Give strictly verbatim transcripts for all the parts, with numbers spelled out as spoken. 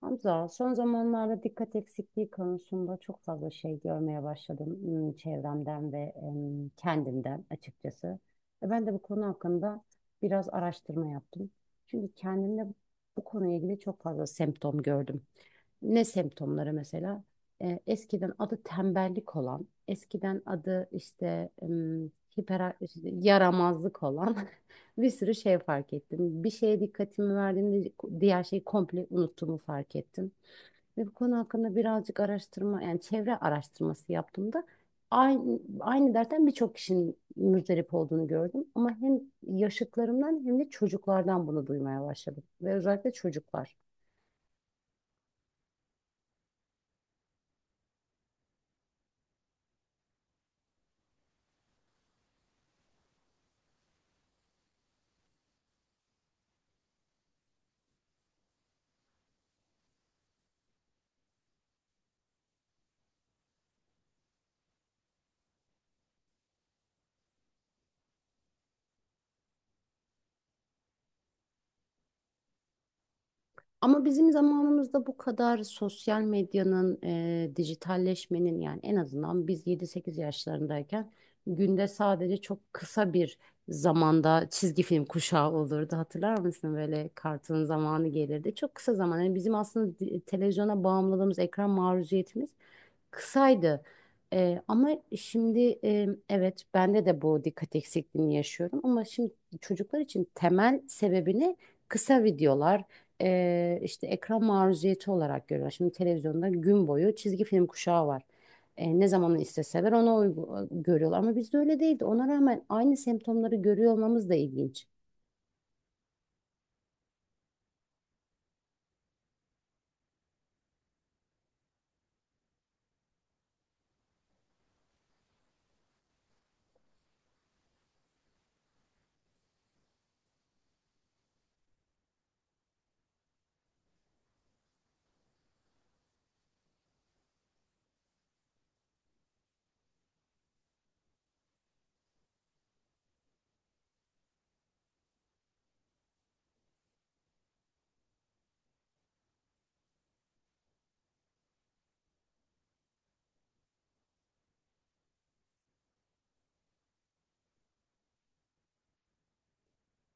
Hamza, son zamanlarda dikkat eksikliği konusunda çok fazla şey görmeye başladım, hmm, çevremden ve em, kendimden açıkçası. Ve ben de bu konu hakkında biraz araştırma yaptım. Çünkü kendimde bu konuyla ilgili çok fazla semptom gördüm. Ne semptomları mesela? E, eskiden adı tembellik olan, eskiden adı işte em, hiper, işte yaramazlık olan bir sürü şey fark ettim. Bir şeye dikkatimi verdiğimde diğer şeyi komple unuttuğumu fark ettim. Ve bu konu hakkında birazcık araştırma, yani çevre araştırması yaptığımda aynı, aynı dertten birçok kişinin muzdarip olduğunu gördüm. Ama hem yaşıtlarımdan hem de çocuklardan bunu duymaya başladım. Ve özellikle çocuklar. Ama bizim zamanımızda bu kadar sosyal medyanın, e, dijitalleşmenin, yani en azından biz yedi sekiz yaşlarındayken günde sadece çok kısa bir zamanda çizgi film kuşağı olurdu. Hatırlar mısın? Böyle kartın zamanı gelirdi. Çok kısa zaman. Yani bizim aslında di- televizyona bağımlılığımız, ekran maruziyetimiz kısaydı. Ee, ama şimdi e, evet, bende de bu dikkat eksikliğini yaşıyorum, ama şimdi çocuklar için temel sebebini kısa videolar, e, işte ekran maruziyeti olarak görüyorlar. Şimdi televizyonda gün boyu çizgi film kuşağı var. E, ne zaman isteseler ona uygu- görüyorlar, ama bizde öyle değildi. Ona rağmen aynı semptomları görüyor olmamız da ilginç.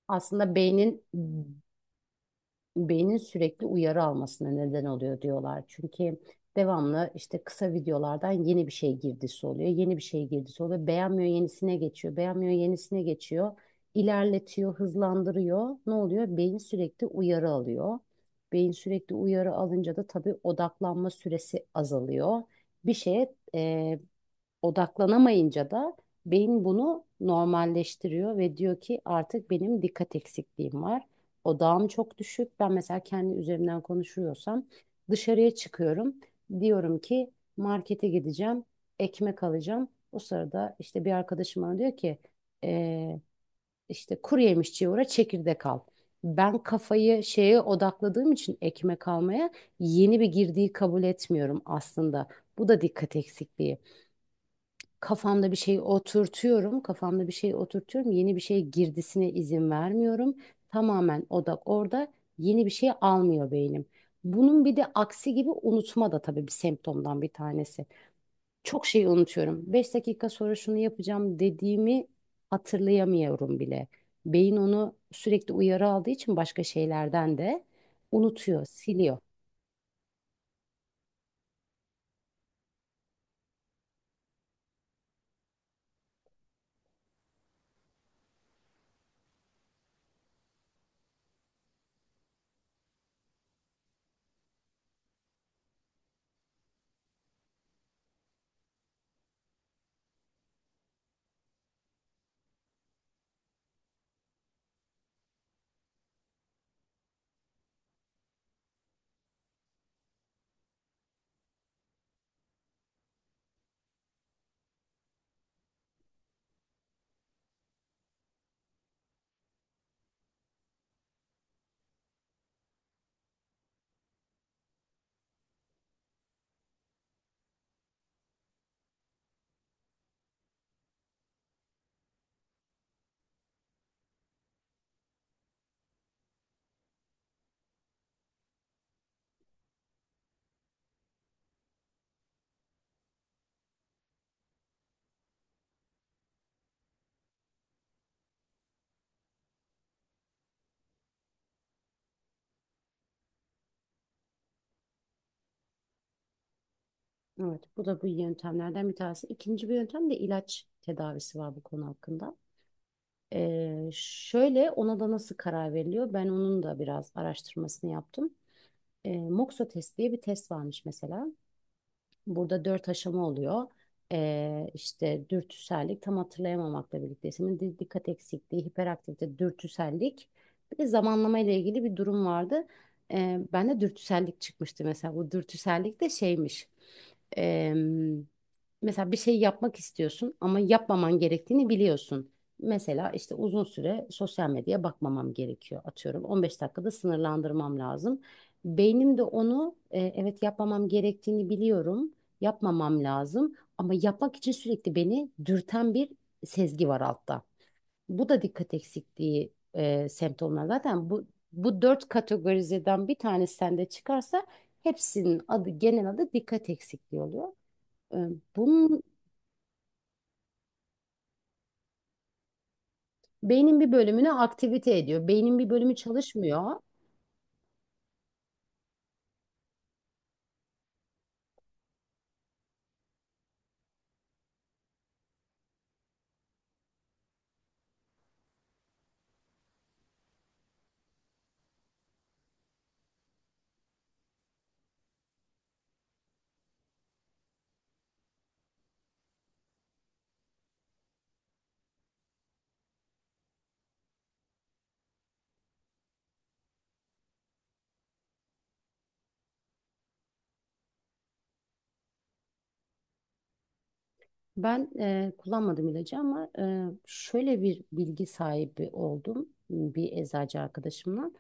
Aslında beynin beynin sürekli uyarı almasına neden oluyor diyorlar. Çünkü devamlı işte kısa videolardan yeni bir şey girdisi oluyor. Yeni bir şey girdisi oluyor. Beğenmiyor, yenisine geçiyor. Beğenmiyor, yenisine geçiyor. İlerletiyor, hızlandırıyor. Ne oluyor? Beyin sürekli uyarı alıyor. Beyin sürekli uyarı alınca da tabii odaklanma süresi azalıyor. Bir şeye e, odaklanamayınca da beyin bunu normalleştiriyor ve diyor ki artık benim dikkat eksikliğim var. Odağım çok düşük. Ben mesela kendi üzerimden konuşuyorsam dışarıya çıkıyorum. Diyorum ki markete gideceğim, ekmek alacağım. O sırada işte bir arkadaşım bana diyor ki "Ee, işte kuru yemişçiye uğra çekirdek al." Ben kafayı şeye odakladığım için ekmek almaya yeni bir girdiği kabul etmiyorum aslında. Bu da dikkat eksikliği, kafamda bir şey oturtuyorum, kafamda bir şey oturtuyorum, yeni bir şeye girdisine izin vermiyorum. Tamamen odak orada, yeni bir şey almıyor beynim. Bunun bir de aksi gibi, unutma da tabii bir semptomdan bir tanesi. Çok şey unutuyorum. Beş dakika sonra şunu yapacağım dediğimi hatırlayamıyorum bile. Beyin onu sürekli uyarı aldığı için başka şeylerden de unutuyor, siliyor. Evet, bu da bu yöntemlerden bir tanesi. İkinci bir yöntem de ilaç tedavisi var bu konu hakkında. Ee, şöyle, ona da nasıl karar veriliyor? Ben onun da biraz araştırmasını yaptım. Ee, Moxa test diye bir test varmış mesela. Burada dört aşama oluyor. Ee, işte dürtüsellik, tam hatırlayamamakla birlikte ismin di- dikkat eksikliği, hiperaktivite, dürtüsellik. Bir de zamanlama ile ilgili bir durum vardı. Ee, ben de dürtüsellik çıkmıştı mesela. Bu dürtüsellik de şeymiş. Ee, Mesela bir şey yapmak istiyorsun ama yapmaman gerektiğini biliyorsun. Mesela işte uzun süre sosyal medyaya bakmamam gerekiyor. Atıyorum, on beş dakikada sınırlandırmam lazım. Beynim de onu, e, evet, yapmamam gerektiğini biliyorum, yapmamam lazım, ama yapmak için sürekli beni dürten bir sezgi var altta. Bu da dikkat eksikliği e, semptomları. Zaten bu bu dört kategorizeden bir tanesi sende çıkarsa hepsinin adı, genel adı dikkat eksikliği oluyor. E, Bunun beynin bir bölümünü aktivite ediyor. Beynin bir bölümü çalışmıyor. Ben e, kullanmadım ilacı, ama e, şöyle bir bilgi sahibi oldum bir eczacı arkadaşımla.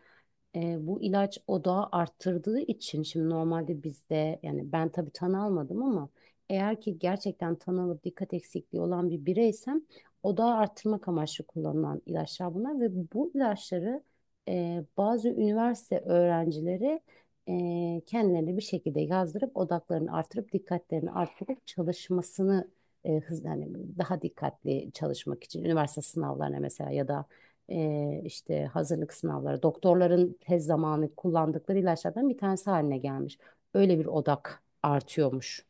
E, bu ilaç odağı arttırdığı için, şimdi normalde bizde, yani ben tabii tanı almadım, ama eğer ki gerçekten tanı alıp dikkat eksikliği olan bir bireysem, odağı arttırmak amaçlı kullanılan ilaçlar bunlar, ve bu ilaçları e, bazı üniversite öğrencileri e, kendilerine bir şekilde yazdırıp odaklarını artırıp dikkatlerini artırıp çalışmasını, e, hızlı, hani daha dikkatli çalışmak için üniversite sınavlarına mesela, ya da e, işte hazırlık sınavları doktorların tez zamanı kullandıkları ilaçlardan bir tanesi haline gelmiş. Öyle bir odak artıyormuş.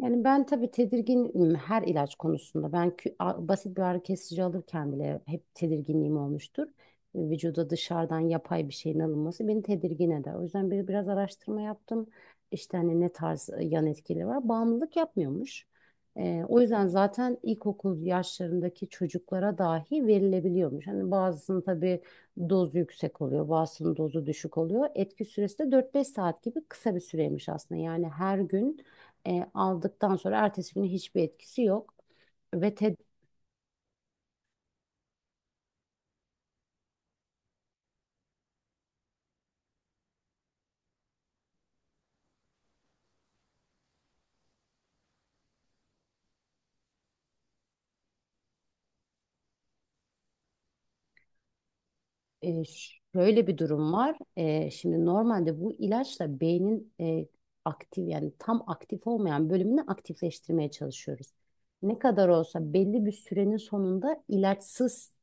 Yani ben tabii tedirginim her ilaç konusunda. Ben kü- a- basit bir ağrı kesici alırken bile hep tedirginliğim olmuştur. Vücuda dışarıdan yapay bir şeyin alınması beni tedirgin eder. O yüzden bir, biraz araştırma yaptım. İşte hani ne tarz e, yan etkileri var. Bağımlılık yapmıyormuş. Ee, o yüzden zaten ilkokul yaşlarındaki çocuklara dahi verilebiliyormuş. Hani bazısının tabii dozu yüksek oluyor, bazısının dozu düşük oluyor. Etki süresi de dört beş saat gibi kısa bir süreymiş aslında. Yani her gün e, aldıktan sonra ertesi günü hiçbir etkisi yok. Ve te, e, Şöyle bir durum var. E, şimdi normalde bu ilaçla beynin, e, aktif yani tam aktif olmayan bölümünü aktifleştirmeye çalışıyoruz. Ne kadar olsa belli bir sürenin sonunda ilaçsız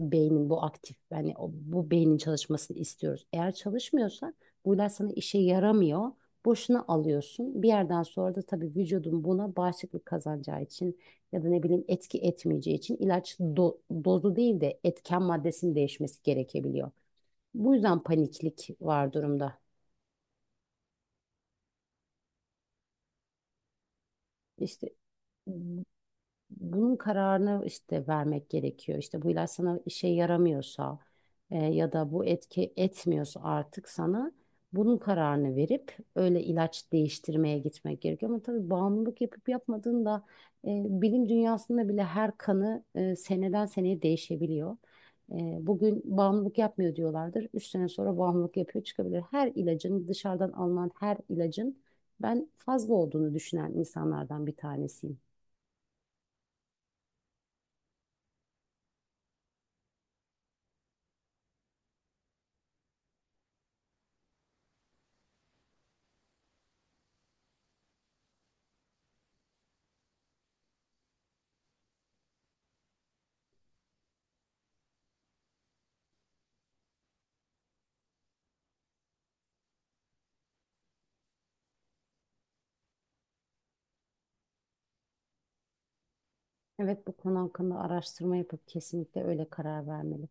beynin bu aktif, yani o- bu beynin çalışmasını istiyoruz. Eğer çalışmıyorsa bu ilaç sana işe yaramıyor. Boşuna alıyorsun. Bir yerden sonra da tabii vücudun buna bağışıklık kazanacağı için, ya da ne bileyim etki etmeyeceği için ilaç do- dozu değil de etken maddesinin değişmesi gerekebiliyor. Bu yüzden paniklik var durumda. İşte bunun kararını işte vermek gerekiyor. İşte bu ilaç sana işe yaramıyorsa, e, ya da bu etki etmiyorsa artık sana, bunun kararını verip öyle ilaç değiştirmeye gitmek gerekiyor. Ama tabii bağımlılık yapıp yapmadığında e, bilim dünyasında bile her kanı e, seneden seneye değişebiliyor. E, Bugün bağımlılık yapmıyor diyorlardır. Üç sene sonra bağımlılık yapıyor çıkabilir. Her ilacın, dışarıdan alınan her ilacın ben fazla olduğunu düşünen insanlardan bir tanesiyim. Evet, bu konu hakkında araştırma yapıp kesinlikle öyle karar vermeli.